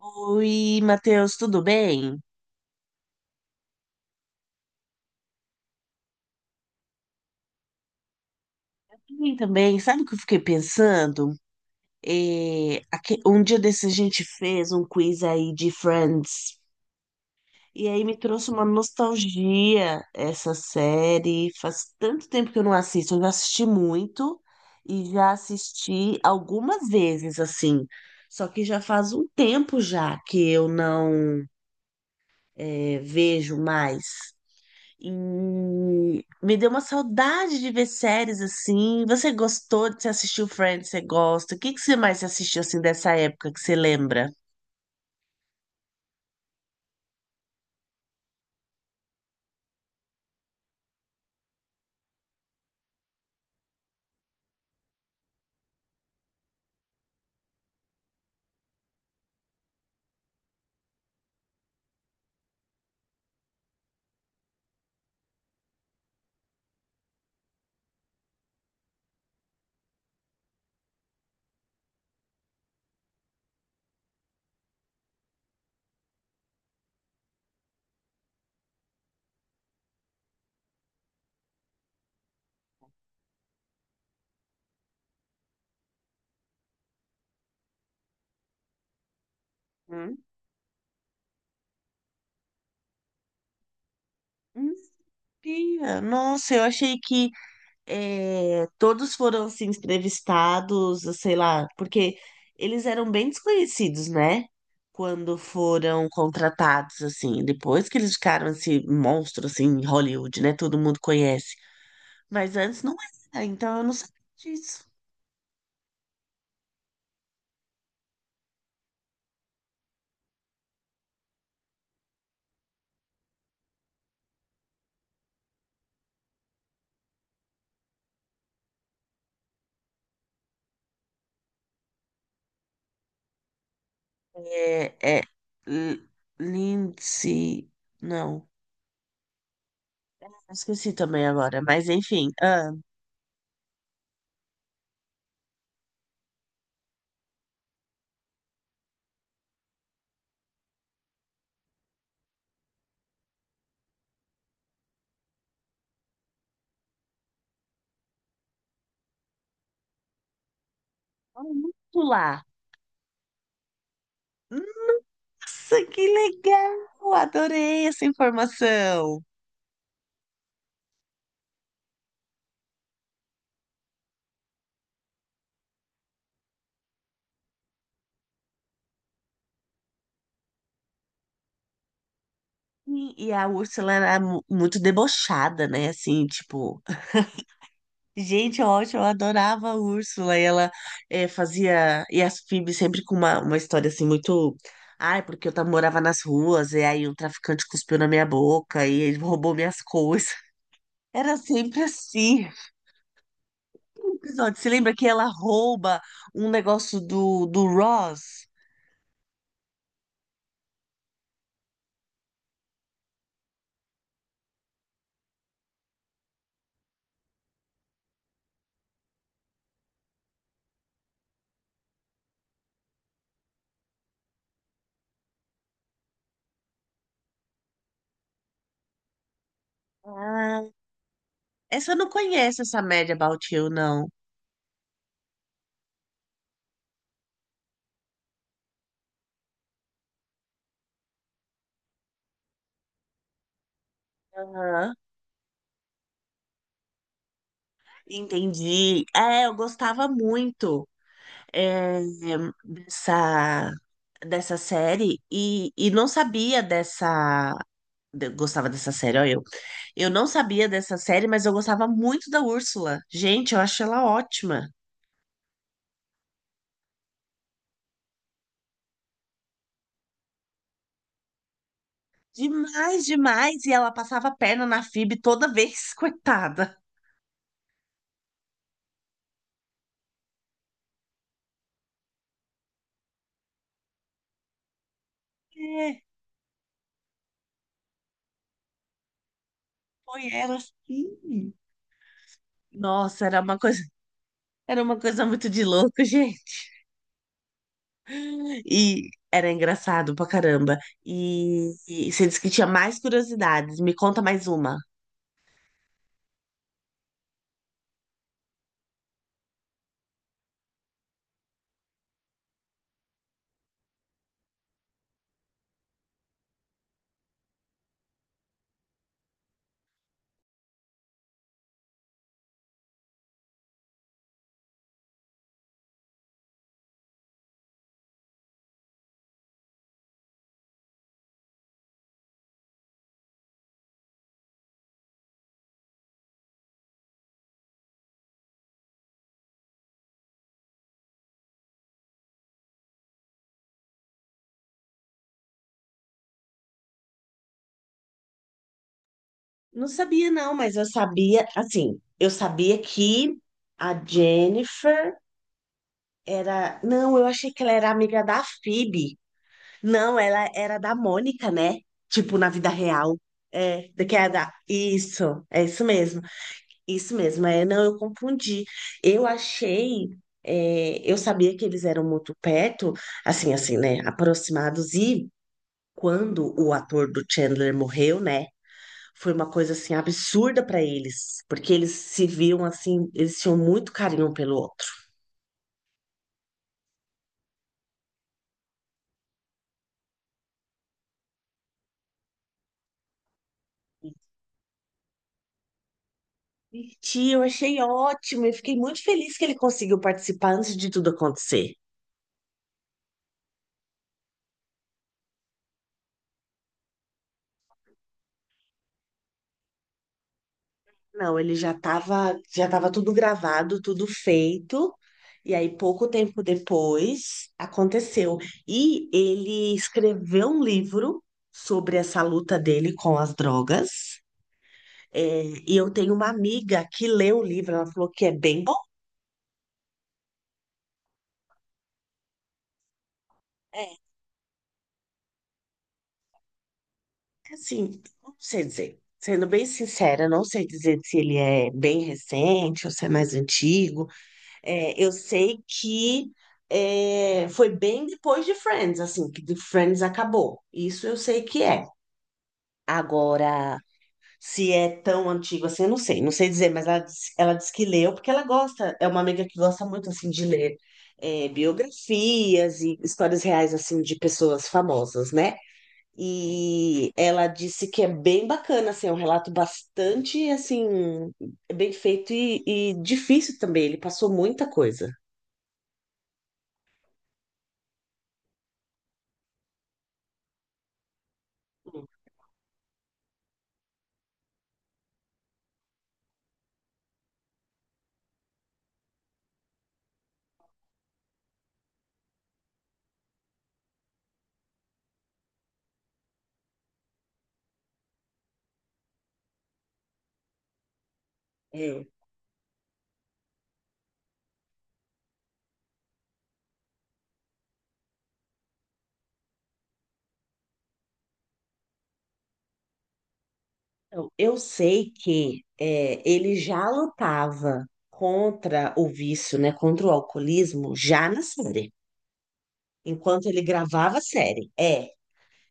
Oi, Matheus, tudo bem? Tudo bem também. Sabe o que eu fiquei pensando? Um dia desse a gente fez um quiz aí de Friends. E aí me trouxe uma nostalgia essa série. Faz tanto tempo que eu não assisto. Eu já assisti muito e já assisti algumas vezes, assim. Só que já faz um tempo já que eu não, vejo mais. E me deu uma saudade de ver séries assim. Você gostou de você assistiu Friends? Você gosta? O que que você mais assistiu assim dessa época que você lembra? Hum? Não sabia. Nossa, eu achei que todos foram assim entrevistados, sei lá, porque eles eram bem desconhecidos, né? Quando foram contratados assim, depois que eles ficaram esse monstro assim em Hollywood, né? Todo mundo conhece. Mas antes não era, então eu não sabia disso. É, é L- Lindsay. Não, esqueci também agora, mas enfim. Ah, vamos lá. Nossa, que legal! Adorei essa informação. Sim. E a Úrsula era muito debochada, né? Assim, tipo, gente, ótimo, eu adorava a Úrsula. E ela fazia. E as Phoebe sempre com uma, história assim, muito. Ai, porque morava nas ruas, e aí um traficante cuspiu na minha boca, e ele roubou minhas coisas. Era sempre assim. Um episódio, você lembra que ela rouba um negócio do Ross? Ah, essa eu não conheço, essa Mad About You, não. Aham. Entendi. É, eu gostava muito, é, dessa, dessa série e não sabia dessa. Gostava dessa série, ó, eu. Eu não sabia dessa série, mas eu gostava muito da Úrsula. Gente, eu acho ela ótima. Demais, demais. E ela passava a perna na Phoebe toda vez, coitada. É, foi ela, sim. Nossa, era uma coisa muito de louco, gente. E era engraçado pra caramba. E você disse que tinha mais curiosidades. Me conta mais uma. Não sabia, não, mas eu sabia, assim, eu sabia que a Jennifer era. Não, eu achei que ela era amiga da Phoebe. Não, ela era da Mônica, né? Tipo, na vida real. É, da que é da... Isso, é isso mesmo. Isso mesmo. É, não, eu confundi. Eu achei. Eu sabia que eles eram muito perto, assim, né? Aproximados. E quando o ator do Chandler morreu, né? Foi uma coisa, assim, absurda pra eles. Porque eles se viam, assim, eles tinham muito carinho um pelo outro. Tia, eu achei ótimo. Eu fiquei muito feliz que ele conseguiu participar antes de tudo acontecer. Não, ele já estava tudo gravado, tudo feito. E aí, pouco tempo depois, aconteceu. E ele escreveu um livro sobre essa luta dele com as drogas. É, e eu tenho uma amiga que leu o livro, ela falou que é bem bom. É, assim, não sei dizer. Sendo bem sincera, não sei dizer se ele é bem recente ou se é mais antigo. É, eu sei que foi bem depois de Friends, assim, que de Friends acabou. Isso eu sei que é. Agora, se é tão antigo assim, eu não sei, não sei dizer, mas ela disse que leu porque ela gosta, é uma amiga que gosta muito, assim, de ler, biografias e histórias reais, assim, de pessoas famosas, né? E ela disse que é bem bacana, assim, é um relato bastante, assim, bem feito e difícil também, ele passou muita coisa. É, então, eu sei que ele já lutava contra o vício, né, contra o alcoolismo, já na série, enquanto ele gravava a série. É,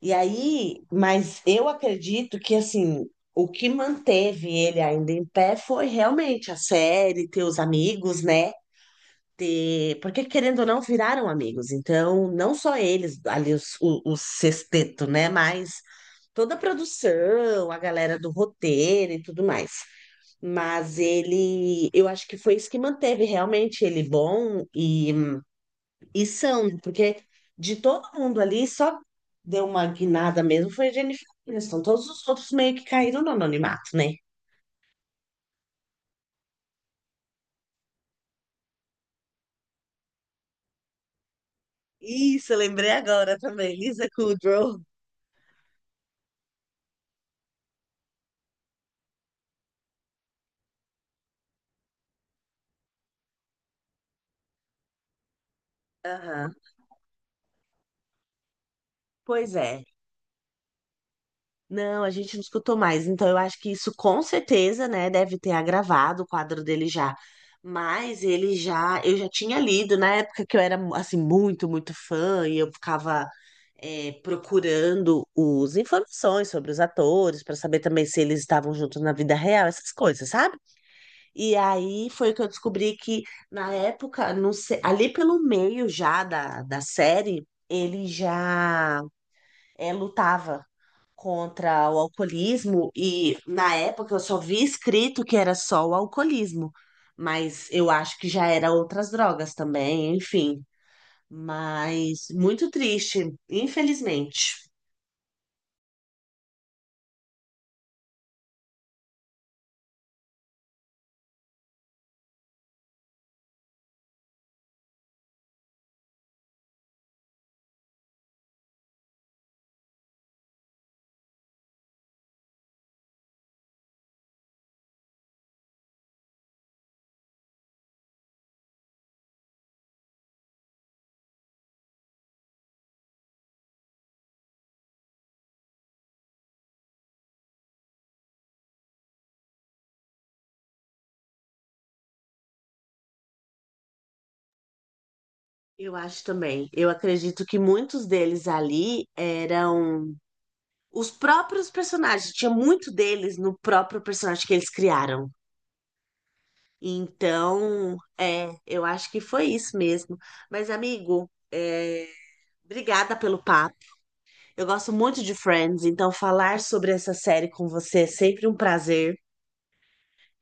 e aí, mas eu acredito que, assim, o que manteve ele ainda em pé foi realmente a série, ter os amigos, né? Ter, porque querendo ou não, viraram amigos. Então, não só eles, ali o sexteto, né? Mas toda a produção, a galera do roteiro e tudo mais. Mas ele, eu acho que foi isso que manteve realmente ele bom e são, porque de todo mundo ali, só deu uma guinada mesmo foi a Jennifer Aniston. Todos os outros meio que caíram no anonimato, né? Isso, eu lembrei agora também. Lisa Kudrow. Aham. Pois é. Não, a gente não escutou mais. Então, eu acho que isso com certeza, né, deve ter agravado o quadro dele já. Mas ele já, eu já tinha lido na época que eu era assim muito, muito fã e eu ficava procurando os informações sobre os atores para saber também se eles estavam juntos na vida real, essas coisas, sabe? E aí foi que eu descobri que na época, não sei, ali pelo meio já da série, ele já, lutava contra o alcoolismo e na época eu só vi escrito que era só o alcoolismo, mas eu acho que já era outras drogas também, enfim. Mas muito triste, infelizmente. Eu acho também. Eu acredito que muitos deles ali eram os próprios personagens. Tinha muito deles no próprio personagem que eles criaram. Então, é, eu acho que foi isso mesmo. Mas, amigo, obrigada pelo papo. Eu gosto muito de Friends, então falar sobre essa série com você é sempre um prazer.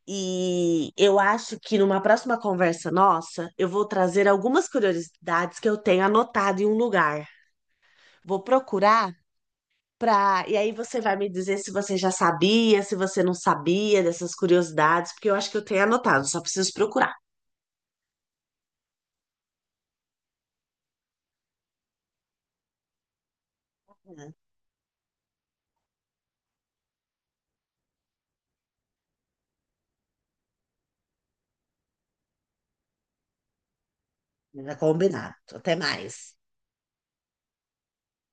E eu acho que numa próxima conversa nossa, eu vou trazer algumas curiosidades que eu tenho anotado em um lugar. Vou procurar pra... E aí você vai me dizer se você já sabia, se você não sabia dessas curiosidades, porque eu acho que eu tenho anotado, só preciso procurar. Uhum. Combinado. Até mais.